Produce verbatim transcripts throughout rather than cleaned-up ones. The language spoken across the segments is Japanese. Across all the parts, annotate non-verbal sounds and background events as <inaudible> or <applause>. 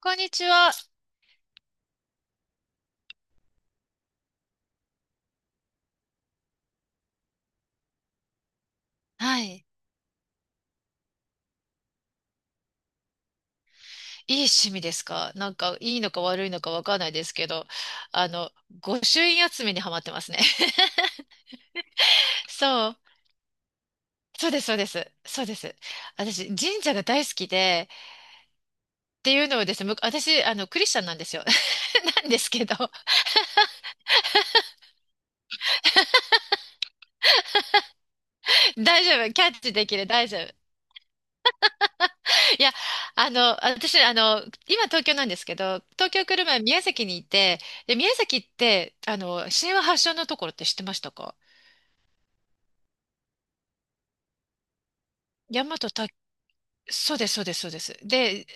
こんにちは。はい。いい趣味ですか？なんか、いいのか悪いのかわかんないですけど、あの、御朱印集めにハマってますね。<laughs> そう。そうです、そうです。そうです。私、神社が大好きで、っていうのをですね、む私、あの、クリスチャンなんですよ。<laughs> なんですけど、大丈夫。キャッチできる、大丈夫。いや、あの、私、あの、今東京なんですけど、東京来る前宮崎にいて、で、宮崎って、あの、神話発祥のところって知ってましたか？大和そうです、そうです、そうです。で、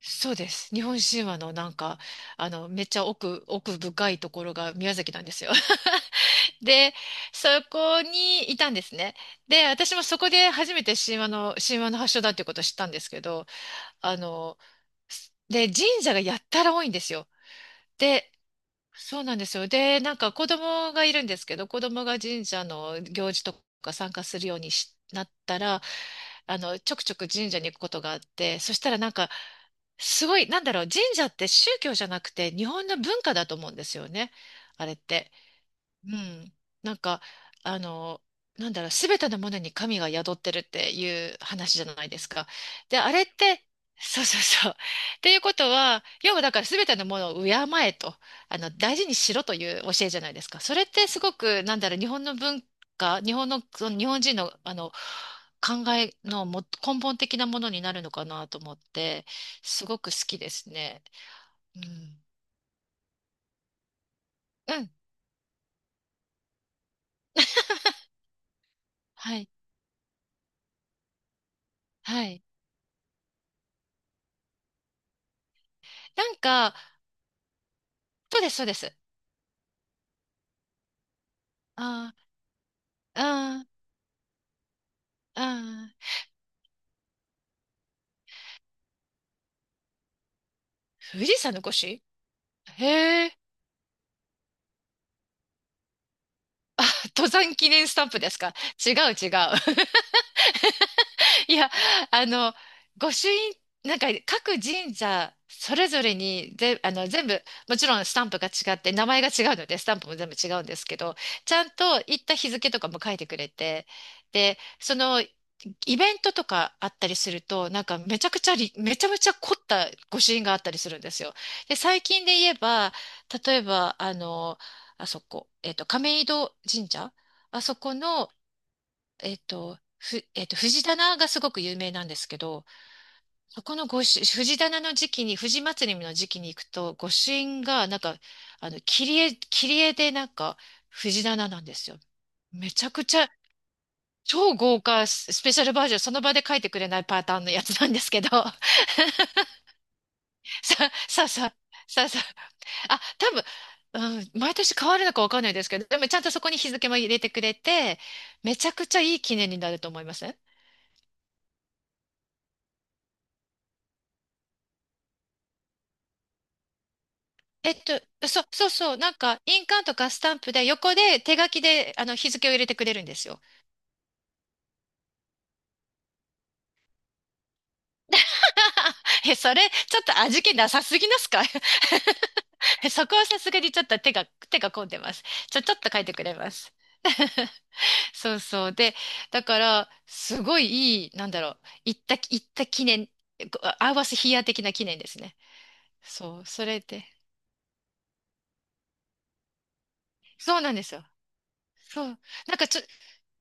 そうです。日本神話のなんか、あの、めっちゃ奥、奥深いところが宮崎なんですよ。<laughs> で、そこにいたんですね。で、私もそこで初めて神話の、神話の発祥だっていうことを知ったんですけど、あの、で、神社がやったら多いんですよ。で、そうなんですよ。で、なんか子供がいるんですけど、子供が神社の行事とか参加するようにしなったら、あの、ちょくちょく神社に行くことがあって、そしたらなんか、すごい、なんだろう、神社って宗教じゃなくて日本の文化だと思うんですよね。あれって。うん。なんか、あの、なんだろう、すべてのものに神が宿ってるっていう話じゃないですか。で、あれって、そうそうそう。っていうことは、要はだからすべてのものを敬えと、あの、大事にしろという教えじゃないですか。それってすごく、なんだろう、日本の文化、日本の、その日本人の、あの、考えのも根本的なものになるのかなと思って、すごく好きですね。うん。うん。はい。はい。なんか、そうです、そうです。あああ、ああ、富士山の越し、へえ、登山記念スタンプですか？違う違う。<laughs> いや、あの、御朱印、なんか各神社それぞれにぜ、あの、全部、もちろんスタンプが違って、名前が違うので、スタンプも全部違うんですけど、ちゃんと行った日付とかも書いてくれて、で、その、イベントとかあったりすると、なんかめちゃくちゃり、めちゃめちゃ凝った御朱印があったりするんですよ。で、最近で言えば、例えば、あの、あそこ、えっと、亀戸神社、あそこの、えっと、ふ、えっと、藤棚がすごく有名なんですけど、そこの富朱、藤棚の時期に、藤祭りの時期に行くと、御朱印が、なんか、あの、切り絵、切り絵でなんか、藤棚なんですよ。めちゃくちゃ、超豪華ススペシャルバージョン、その場で書いてくれないパターンのやつなんですけど、<laughs> さ、さ、さ、さ、さ、あ、多分、うん、毎年変わるのかわかんないですけど、でもちゃんとそこに日付も入れてくれて、めちゃくちゃいい記念になると思います。えっと、そ、そうそう、なんか、印鑑とかスタンプで横で手書きで、あの、日付を入れてくれるんですよ。<laughs> え、それ、ちょっと味気なさすぎますか？ <laughs> そこはさすがにちょっと手が、手が込んでます。ちょ、ちょっと書いてくれます。そうそう。で、だから、すごいいい、なんだろう、行った、行った記念、こう合わせヒーヤー的な記念ですね。そう、それで。そうなんですよ。そう。なんかちょ、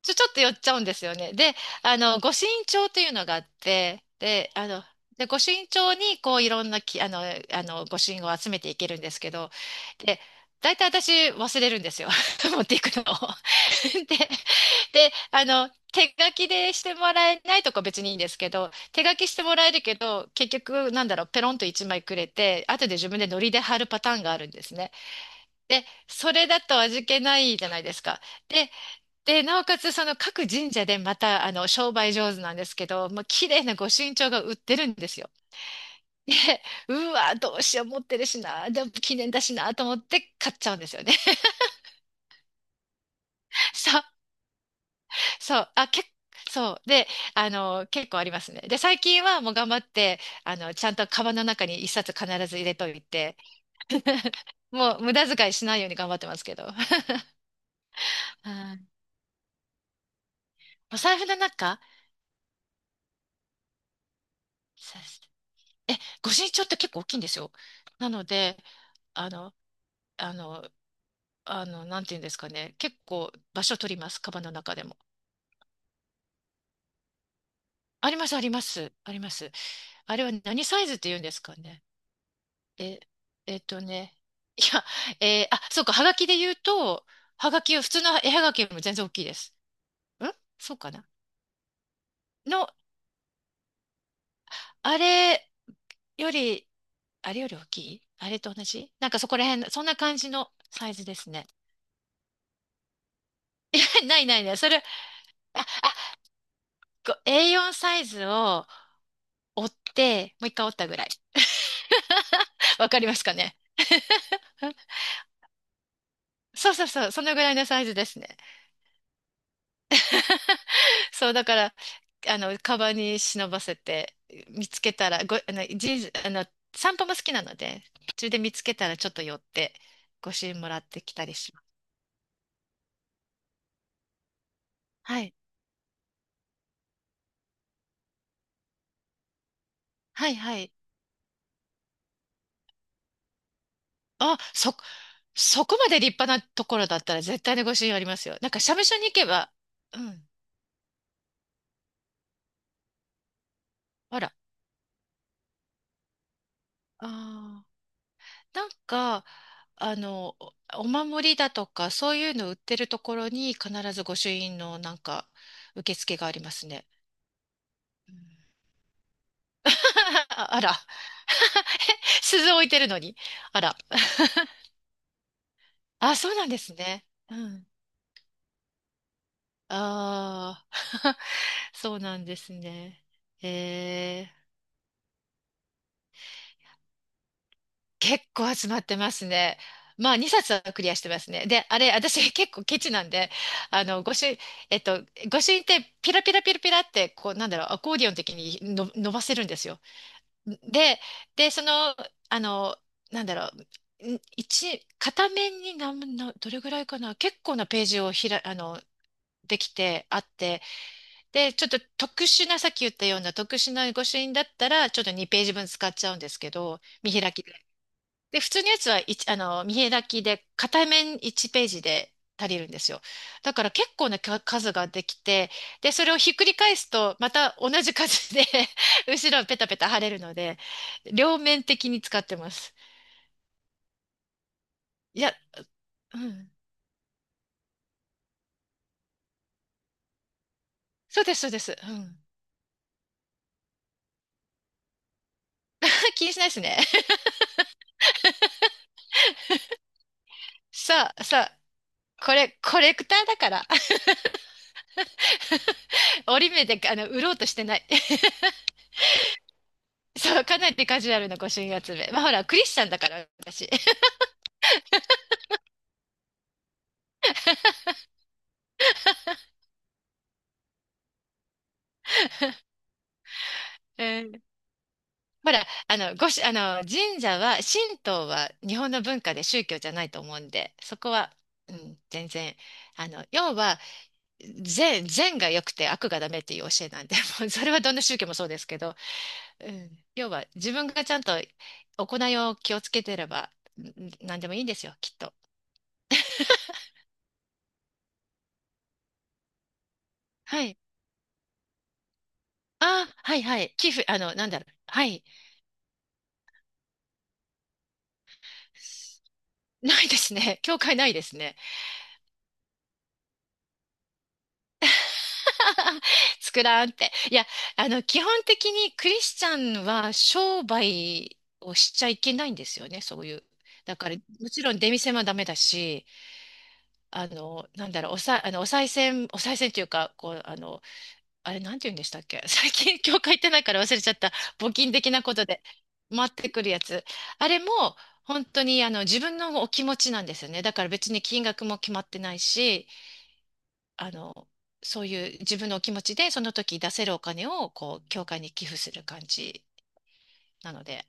ちょ、ちょっと寄っちゃうんですよね。で、あの、御朱印帳というのがあって、で、あの、で、御朱印帳に、こう、いろんなき、あの、あの、御朱印を集めていけるんですけど、で、大体私忘れるんですよ。<laughs> 持っていくのを。<laughs> で、で、あの、手書きでしてもらえないとか別にいいんですけど、手書きしてもらえるけど、結局、なんだろう、ペロンといちまいくれて、後で自分でノリで貼るパターンがあるんですね。で、それだと味気ないじゃないですか。で、で、なおかつその各神社でまたあの商売上手なんですけど、もう綺麗な御朱印帳が売ってるんですよ。で、うわ、どうしよう持ってるしな、でも記念だしなと思って買っちゃうんですよね。<laughs> そう、そう、あ、結そう。で、あの、結構ありますね。で、最近はもう頑張って、あの、ちゃんとカバンの中に一冊必ず入れといて、もう無駄遣いしないように頑張ってますけど。<laughs> うん。お財布の中、さえ、御朱印って結構大きいんですよ。なので、あの、あの、あの、なんていうんですかね。結構場所取ります。カバンの中でも。あります、あります、あります。あれは何サイズって言うんですかね？え、えっとね。いや、えーあ、そうか、はがきで言うと、はがきは普通の絵はがきよりも全然大きいです。んそうかな。の、あれより、あれより、大きい、あれと同じ、なんかそこら辺、そんな感じのサイズですね。<laughs> ないないない。それ、あ、あ、こう エーヨン サイズを折って、もう一回折ったぐらい。<laughs> わかりますかね。<laughs> そうそうそう、そのぐらいのサイズですね。<laughs> そう、だから、あの、カバンに忍ばせて、見つけたら、ご、あの、人、あの、散歩も好きなので、途中で見つけたらちょっと寄って、ご朱印もらってきたりします。はい。はいはい。あ、そ、そこまで立派なところだったら絶対にご朱印ありますよ。なんか、社務所に行けば、うん。あら。ああ。なんか、あの、おお守りだとか、そういうの売ってるところに必ず御朱印のなんか、受付がありますね。うん。 <laughs> あら。<laughs> 鈴置いてるのに。あら。<laughs> あ、そうなんですね。うん。ああ、<laughs> そうなんですね。えー。結構集まってますね。まあ、にさつはクリアしてますね。で、あれ、私 <laughs> 結構ケチなんで、あの、御朱印、えっと、御朱印ってピラピラピラピラって、こう、なんだろう、アコーディオン的にの伸ばせるんですよ。で、で、その、あの、なんだろう、ん一、片面に何の、どれぐらいかな、結構なページをひら、あの、できてあって、で、ちょっと特殊な、さっき言ったような特殊な御朱印だったら、ちょっとにページ分使っちゃうんですけど、見開き。で、普通のやつは一あの、見開きで、片面いちページで足りるんですよ。だから結構なか数ができて、で、それをひっくり返すと、また同じ数で <laughs> 後ろペタペタ貼れるので、両面的に使ってます。いや、うん。そうです、そうです。うん。<laughs> 気にしないですね。<laughs> さあ、さあ、これ、コレクターだから、<laughs> 折り目で、あの、売ろうとしてない。<laughs> そう、かなりカジュアルな御朱印集め。まあ、ほら、クリスチャンだから、私。<laughs> うん。ほら、あの、ごし、あの、神社は、神道は日本の文化で宗教じゃないと思うんで、そこは、うん、全然、あの、要は、善、善が良くて悪がダメっていう教えなんで、<laughs> もうそれはどんな宗教もそうですけど、うん、要は自分がちゃんと行いを気をつけてれば、ん何でもいいんですよ、きっと。はい。あ、はいはい。寄付、あの、なんだろう。はい。ないですね。<laughs> 教会ないですね。<laughs> 作らんって。いや、あの、基本的にクリスチャンは商売をしちゃいけないんですよね、そういう。だから、もちろん出店もダメだし、あの、なんだろう、おさ、あの、お賽銭、お賽銭というか、こう、あの、あれ、なんて言うんでしたっけ？ <laughs> 最近、教会行ってないから忘れちゃった。募金的なことで回ってくるやつ。あれも、本当に、あの、自分のお気持ちなんですよね。だから別に金額も決まってないし、あの、そういう自分のお気持ちで、その時出せるお金を、こう、教会に寄付する感じなので、